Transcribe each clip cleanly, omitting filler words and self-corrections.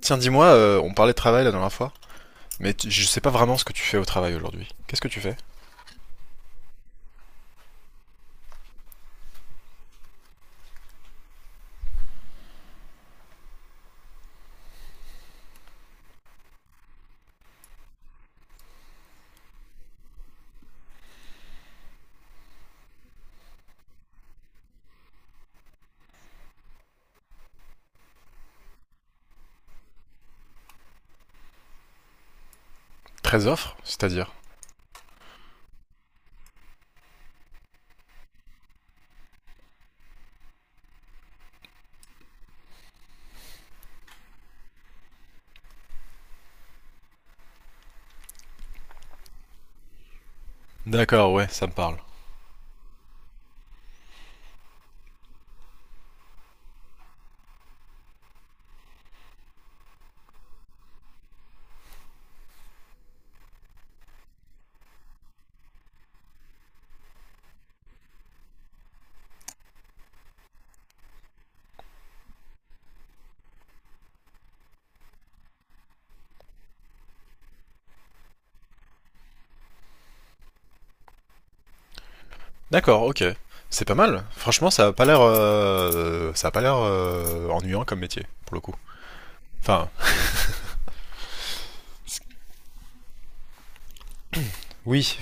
Tiens, dis-moi, on parlait de travail la dernière fois, mais je sais pas vraiment ce que tu fais au travail aujourd'hui. Qu'est-ce que tu fais? 13 offres, c'est-à-dire? D'accord, ouais, ça me parle. D'accord, ok. C'est pas mal. Franchement, ça a pas l'air, ça a pas l'air ennuyant comme métier, pour le coup. Enfin, oui.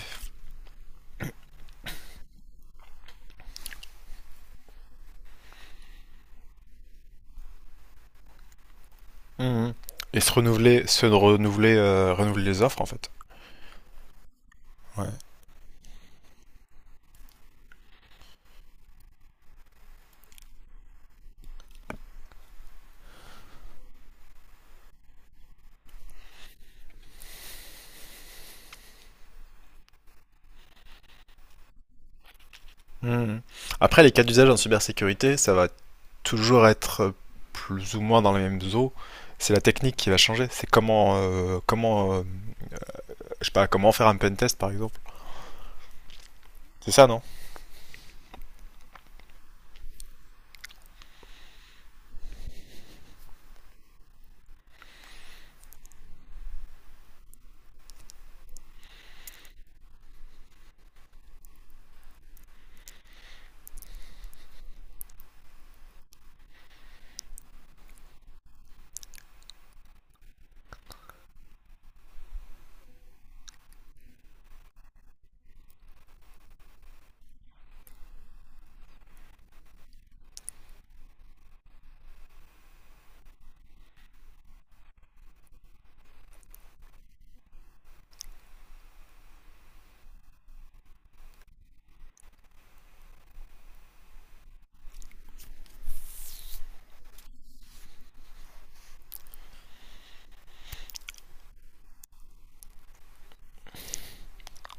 Mhm. Et se renouveler, renouveler les offres, en fait. Ouais. Mhm. Après, les cas d'usage en cybersécurité, ça va toujours être plus ou moins dans les mêmes eaux. C'est la technique qui va changer. C'est comment, je sais pas, comment faire un pentest par exemple. C'est ça, non.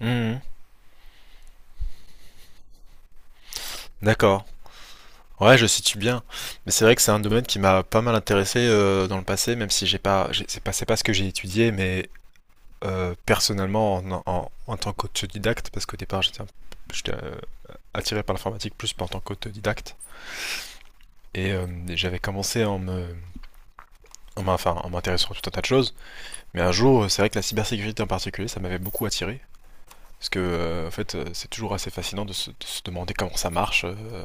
Mhm. D'accord. Ouais, je situe bien. Mais c'est vrai que c'est un domaine qui m'a pas mal intéressé dans le passé, même si c'est pas ce que j'ai étudié, mais personnellement, en tant qu'autodidacte, parce qu'au départ j'étais, attiré par l'informatique plus en tant qu'autodidacte, et j'avais commencé enfin, en m'intéressant à tout un tas de choses. Mais un jour, c'est vrai que la cybersécurité en particulier, ça m'avait beaucoup attiré. Parce que, en fait, c'est toujours assez fascinant de se demander comment ça marche, euh.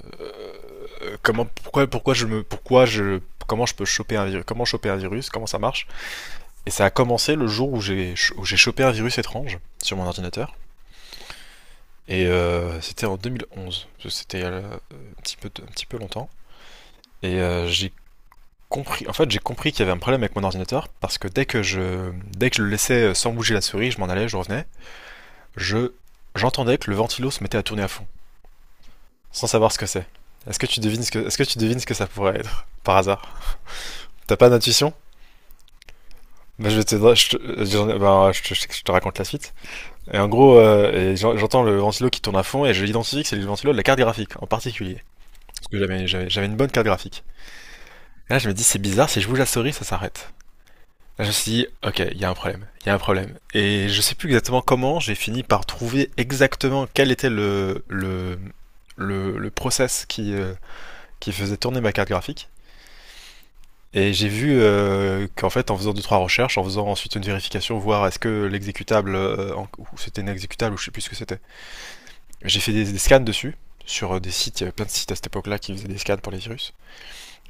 Comment, pourquoi, comment je peux choper un virus, comment ça marche. Et ça a commencé le jour où j'ai chopé un virus étrange sur mon ordinateur. Et c'était en 2011. C'était un petit peu longtemps. Et j'ai j'ai compris qu'il y avait un problème avec mon ordinateur parce que dès que je le laissais sans bouger la souris, je m'en allais, je revenais, je, j'entendais que le ventilo se mettait à tourner à fond, sans savoir ce que c'est. Est-ce que tu devines ce que, est-ce que tu devines ce que ça pourrait être, par hasard? T'as pas d'intuition? Bah, je vais te, je, bah, je te raconte la suite. Et en gros, j'entends le ventilo qui tourne à fond et je l'identifie que c'est le ventilo de la carte graphique en particulier. Parce que j'avais une bonne carte graphique. Et là, je me dis, c'est bizarre, si je bouge la souris, ça s'arrête. Là, je me suis dit, ok, il y a un problème. Et je sais plus exactement comment, j'ai fini par trouver exactement quel était le process qui faisait tourner ma carte graphique. Et j'ai vu qu'en fait, en faisant deux trois recherches, en faisant ensuite une vérification, voir est-ce que l'exécutable, ou c'était un exécutable ou je sais plus ce que c'était. J'ai fait des scans dessus sur des sites, il y avait plein de sites à cette époque-là qui faisaient des scans pour les virus.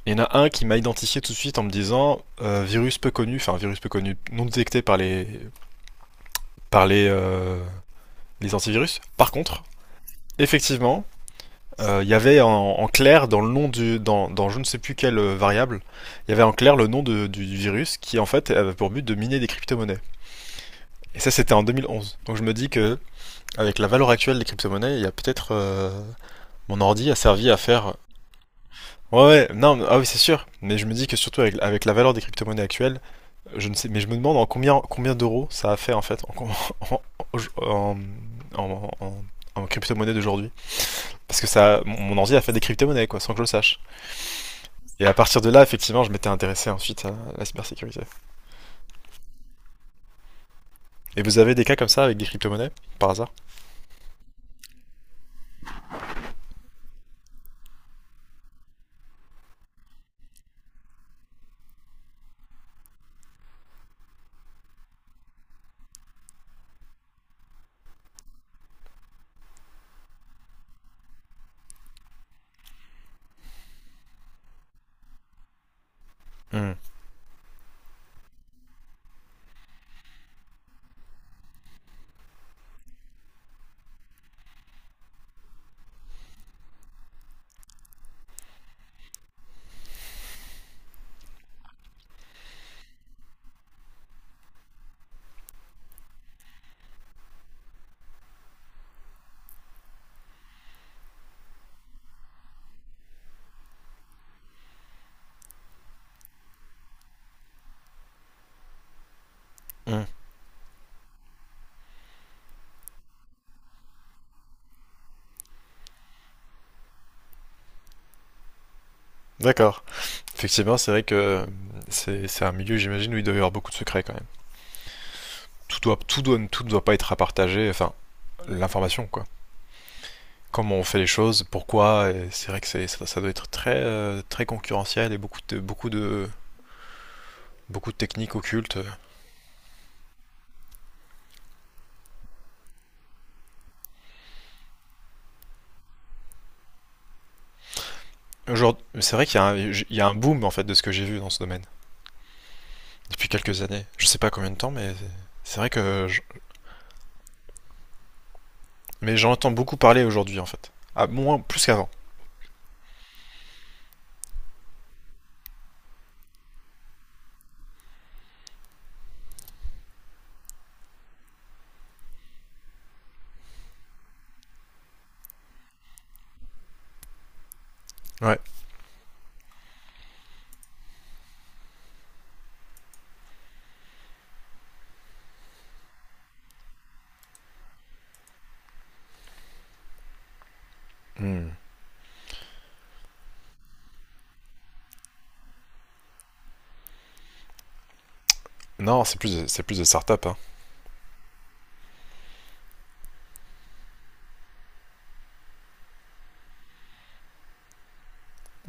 Et il y en a un qui m'a identifié tout de suite en me disant virus peu connu, enfin virus peu connu, non détecté par les les antivirus. Par contre, effectivement, il y avait en clair dans le nom du, dans je ne sais plus quelle variable, il y avait en clair le du virus qui en fait avait pour but de miner des crypto-monnaies. Et ça c'était en 2011. Donc je me dis que avec la valeur actuelle des crypto-monnaies, il y a peut-être mon ordi a servi à faire. Ouais, ouais, non, mais- ah oui, c'est sûr. Mais je me dis que surtout avec, avec la valeur des crypto-monnaies actuelles, je ne sais, mais je me demande en combien d'euros ça a fait en fait en, en, en- en- en crypto-monnaie d'aujourd'hui. Parce que ça, mon ordi a fait des crypto-monnaies quoi, sans que je le sache. Et à partir de là, effectivement, je m'étais intéressé ensuite à la cybersécurité. Et vous avez des cas comme ça avec des crypto-monnaies, par hasard? Hmm, hmm, d'accord. Effectivement, c'est vrai que c'est un milieu, j'imagine, où il doit y avoir beaucoup de secrets quand même. Tout ne doit pas être à partager, enfin, l'information, quoi. Comment on fait les choses, pourquoi, et c'est vrai que ça doit être très, très concurrentiel et beaucoup de techniques occultes. Aujourd'hui, c'est vrai qu'il y a il y a un boom, en fait, de ce que j'ai vu dans ce domaine, depuis quelques années. Je sais pas combien de temps, mais c'est vrai que. Mais j'en entends beaucoup parler aujourd'hui en fait. Ah, moins, plus qu'avant. Ouais. Hmm. Non, c'est plus de startups. Hein.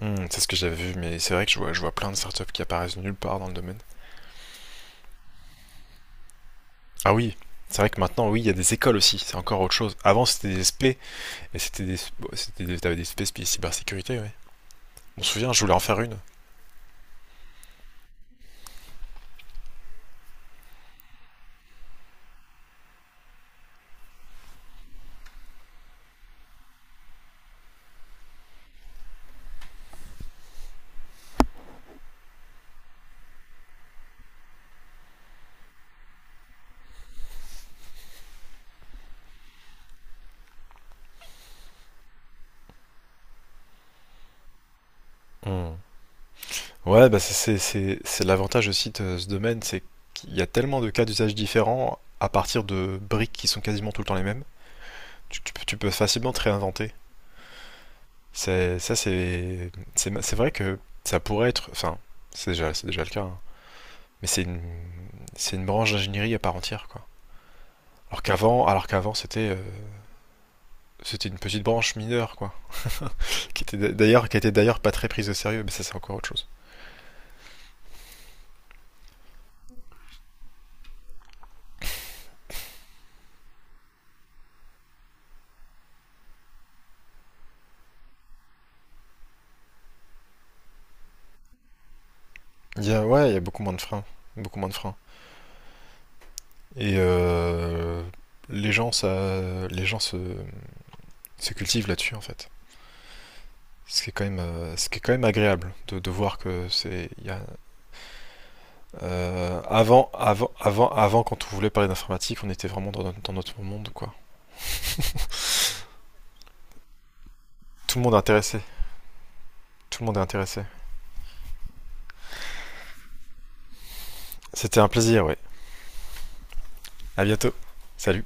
Hmm, c'est ce que j'avais vu, mais c'est vrai que je vois plein de startups qui apparaissent nulle part dans le domaine. Ah oui, c'est vrai que maintenant, oui, il y a des écoles aussi, c'est encore autre chose. Avant, c'était des SP, et c'était des, t'avais des cybersécurité, ouais. On se souvient, je voulais en faire une. Hmm. Ouais, bah c'est l'avantage aussi de ce domaine, c'est qu'il y a tellement de cas d'usage différents à partir de briques qui sont quasiment tout le temps les mêmes. Tu peux facilement te réinventer. C'est, ça, c'est, ma- c'est vrai que ça pourrait être. Enfin, c'est déjà le cas, hein. Mais c'est une branche d'ingénierie à part entière, quoi. Alors qu'avant, c'était, c'était une petite branche mineure, quoi. Qui était d'ailleurs pas très prise au sérieux, mais ça, c'est encore autre chose. Il y a, ouais, il y a beaucoup moins de freins, beaucoup moins de freins. Et les gens, ça, les gens se, se cultivent là-dessus, en fait. Ce qui est quand même, agréable de voir que c'est, il y a. Avant, quand on voulait parler d'informatique, on était vraiment dans notre monde, quoi. Tout le monde est intéressé. Tout le monde est intéressé. C'était un plaisir, ouais. À bientôt. Salut.